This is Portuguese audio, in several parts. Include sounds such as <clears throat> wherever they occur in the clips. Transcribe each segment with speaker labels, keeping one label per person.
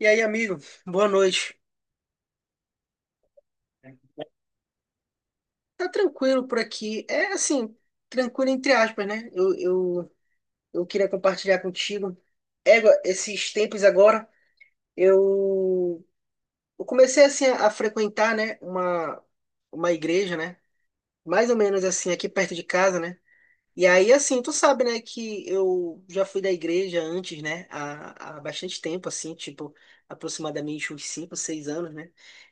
Speaker 1: E aí, amigo, boa noite. Tá tranquilo por aqui. É assim, tranquilo entre aspas, né? Eu queria compartilhar contigo. Égua, esses tempos agora, eu, eu comecei assim a frequentar, né, uma igreja, né? Mais ou menos assim, aqui perto de casa, né? E aí, assim, tu sabe, né, que eu já fui da igreja antes, né, há bastante tempo, assim, tipo, aproximadamente uns 5 6 anos, né?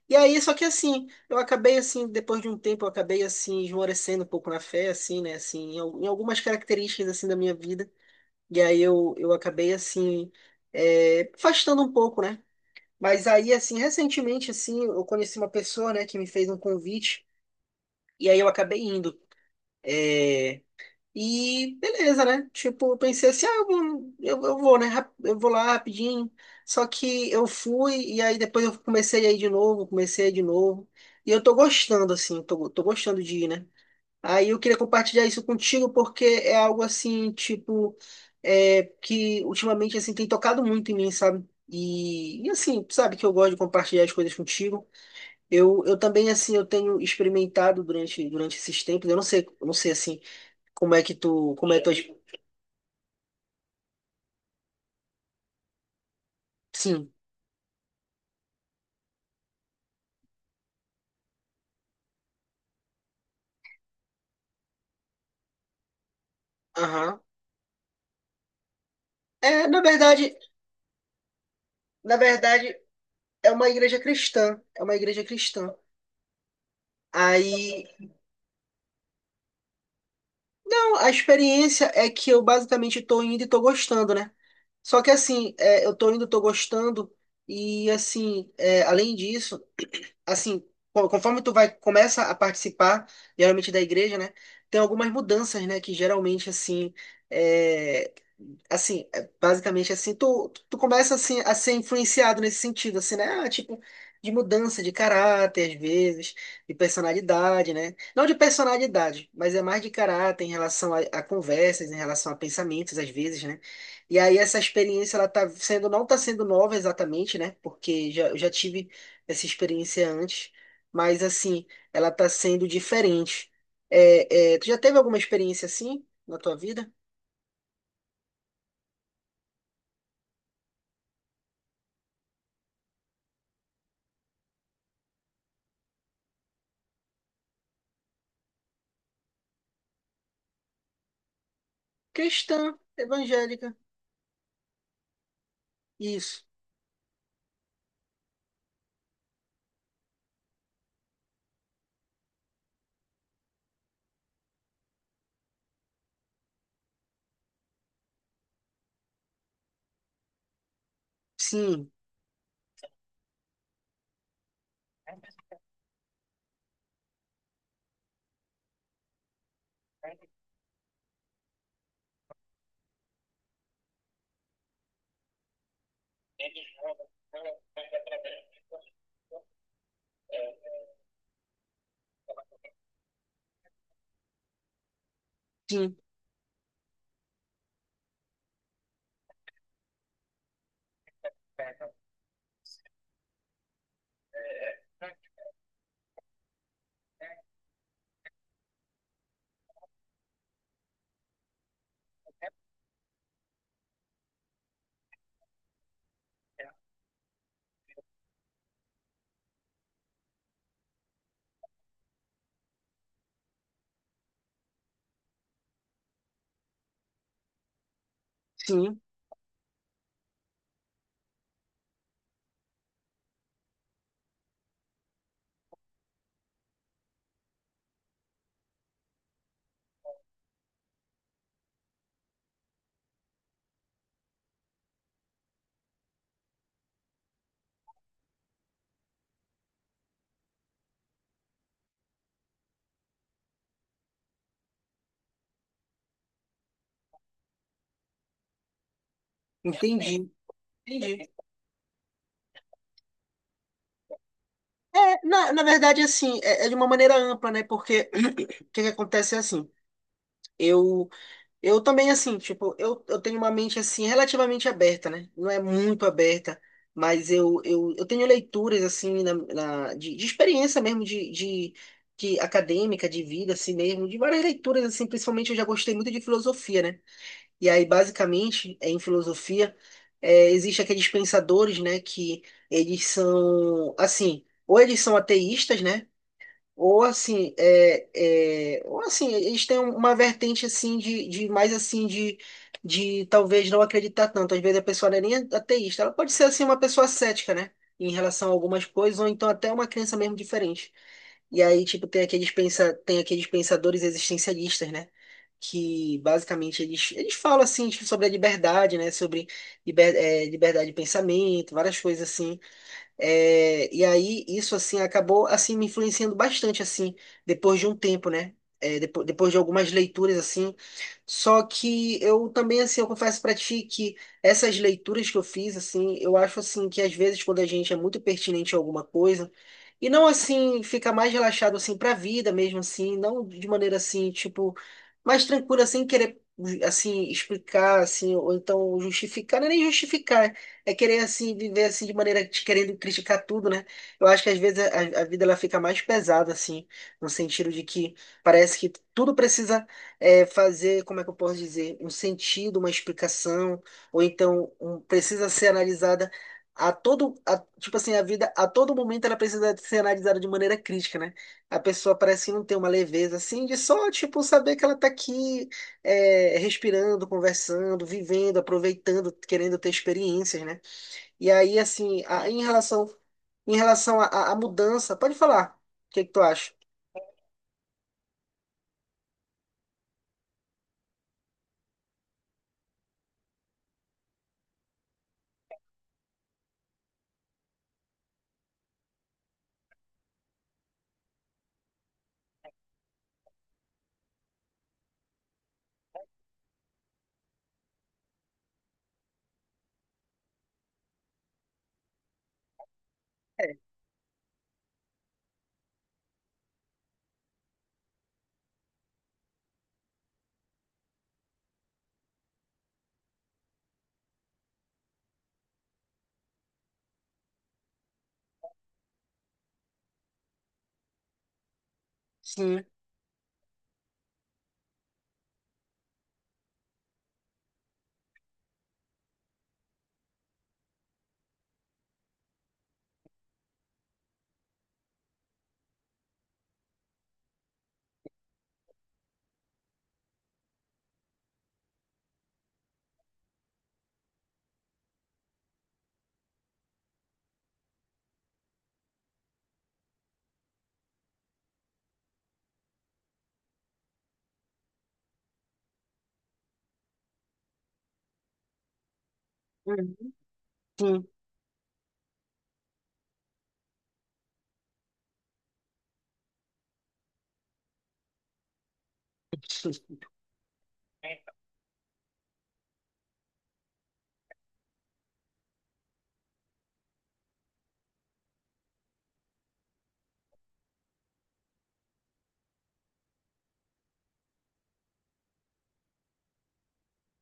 Speaker 1: E aí, só que assim, eu acabei, assim, depois de um tempo, eu acabei, assim, esmorecendo um pouco na fé, assim, né, assim, em algumas características, assim, da minha vida. E aí eu acabei, assim, afastando um pouco, né? Mas aí, assim, recentemente, assim, eu conheci uma pessoa, né, que me fez um convite, e aí eu acabei indo. É, e beleza, né? Tipo, eu pensei assim, ah, eu vou, Eu vou lá rapidinho. Só que eu fui e aí depois eu comecei a ir de novo, comecei a ir de novo. E eu tô gostando, assim, tô gostando de ir, né? Aí eu queria compartilhar isso contigo porque é algo assim, tipo, que ultimamente, assim, tem tocado muito em mim, sabe? E assim, sabe que eu gosto de compartilhar as coisas contigo. Eu também, assim, eu tenho experimentado durante esses tempos, eu não sei, assim, como é tua. Sim, aham. É, na verdade é uma igreja cristã, é uma igreja cristã. Aí, não, a experiência é que eu basicamente tô indo e tô gostando, né? Só que assim, é, eu tô indo, tô gostando e assim, é, além disso assim, conforme tu vai começa a participar geralmente da igreja, né? Tem algumas mudanças, né? Que geralmente é, assim, é, basicamente assim, tu começa assim a ser influenciado nesse sentido, assim, né? Ah, tipo de mudança de caráter às vezes, de personalidade, né? Não de personalidade, mas é mais de caráter em relação a conversas, em relação a pensamentos às vezes, né? E aí essa experiência ela tá sendo não tá sendo nova exatamente, né? Porque eu já tive essa experiência antes, mas assim, ela tá sendo diferente. É, é, tu já teve alguma experiência assim na tua vida? Cristã, evangélica. Isso. Sim, sim, sim. Entendi. Entendi. É, na verdade, assim, é, é de uma maneira ampla, né? Porque <clears throat> o que que acontece é assim. Eu Eu também, assim, tipo, eu tenho uma mente, assim, relativamente aberta, né? Não é muito aberta, mas eu tenho leituras, assim, de experiência mesmo, de acadêmica, de vida, assim mesmo, de várias leituras, assim, principalmente eu já gostei muito de filosofia, né? E aí, basicamente, é, em filosofia, é, existe aqueles pensadores, né, que ou eles são ateístas, né? Ou assim, é, é, ou assim, eles têm uma vertente assim de mais assim de talvez não acreditar tanto. Às vezes a pessoa não é nem ateísta, ela pode ser assim uma pessoa cética, né? Em relação a algumas coisas, ou então até uma crença mesmo diferente. E aí, tipo, tem aqueles pensadores existencialistas, né? Que basicamente eles falam assim, tipo, sobre a liberdade, né? Sobre liberdade de pensamento, várias coisas assim. É, e aí isso assim acabou assim me influenciando bastante assim depois de um tempo, né? É, depois de algumas leituras assim, só que eu também assim eu confesso pra ti que essas leituras que eu fiz assim, eu acho assim que às vezes quando a gente é muito pertinente a alguma coisa e não assim fica mais relaxado assim para a vida mesmo assim, não de maneira assim tipo mais tranquila sem querer assim explicar assim ou então justificar, não é nem justificar é querer assim viver assim de maneira te querendo criticar tudo, né? Eu acho que às vezes a vida ela fica mais pesada assim, no sentido de que parece que tudo precisa é, fazer, como é que eu posso dizer, um sentido, uma explicação, ou então precisa ser analisada tipo assim, a vida a todo momento ela precisa ser analisada de maneira crítica, né? A pessoa parece que não tem uma leveza assim de só tipo saber que ela tá aqui é, respirando, conversando, vivendo, aproveitando, querendo ter experiências, né? E aí, assim, em relação à mudança, pode falar. O que que tu acha? É. Sim. Uhum. Sim. <laughs>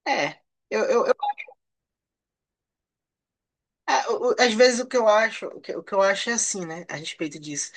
Speaker 1: É, eu, eu, eu- às vezes o que eu acho, o que eu acho é assim, né, a respeito disso,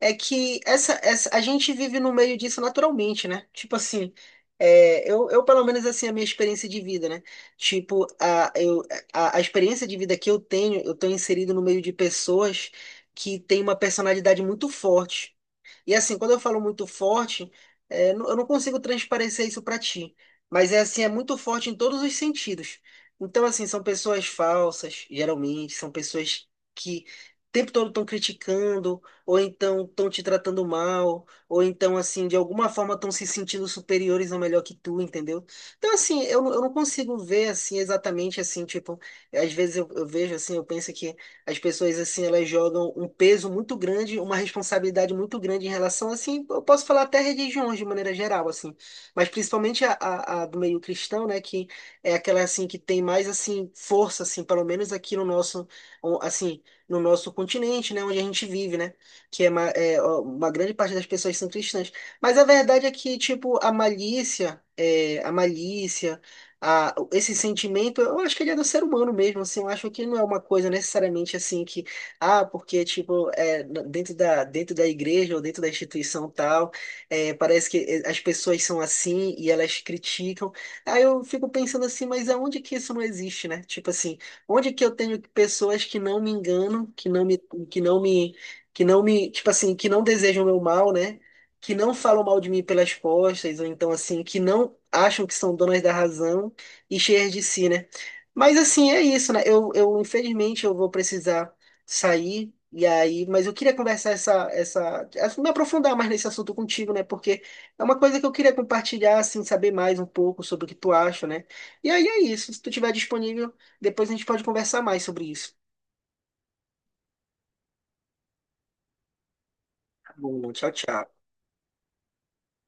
Speaker 1: é que a gente vive no meio disso naturalmente, né? Tipo assim, é, eu pelo menos assim a minha experiência de vida, né? Tipo a experiência de vida que eu tenho, eu tô inserido no meio de pessoas que têm uma personalidade muito forte. E assim, quando eu falo muito forte, é, eu não consigo transparecer isso para ti, mas é assim, é muito forte em todos os sentidos. Então, assim, são pessoas falsas, geralmente, são pessoas que o tempo todo estão criticando, ou então estão te tratando mal, ou então, assim, de alguma forma estão se sentindo superiores ou melhor que tu, entendeu? Então, assim, eu, eu não consigo ver, assim, exatamente, assim, tipo, às vezes eu vejo, assim, eu penso que as pessoas, assim, elas jogam um peso muito grande, uma responsabilidade muito grande em relação, assim, eu posso falar até religiões de maneira geral, assim, mas principalmente a do meio cristão, né, que é aquela, assim, que tem mais, assim, força, assim, pelo menos aqui no nosso, assim, no nosso continente, né, onde a gente vive, né, que é uma grande parte das pessoas são cristãs. Mas a verdade é que, tipo, a malícia, esse sentimento, eu acho que ele é do ser humano mesmo, assim, eu acho que não é uma coisa necessariamente assim que, ah, porque, tipo, é, dentro da igreja ou dentro da instituição tal, é, parece que as pessoas são assim e elas criticam. Aí eu fico pensando assim, mas aonde que isso não existe, né? Tipo assim, onde que eu tenho pessoas que não me enganam, que não me, que não me, tipo assim, que não desejam o meu mal, né? Que não falam mal de mim pelas costas, ou então assim, que não acham que são donas da razão, e cheias de si, né? Mas assim, é isso, né? Eu infelizmente eu vou precisar sair e aí, mas eu queria conversar essa assim, me aprofundar mais nesse assunto contigo, né? Porque é uma coisa que eu queria compartilhar, assim, saber mais um pouco sobre o que tu acha, né? E aí é isso. Se tu tiver disponível, depois a gente pode conversar mais sobre isso. Tá bom, tchau, tchau.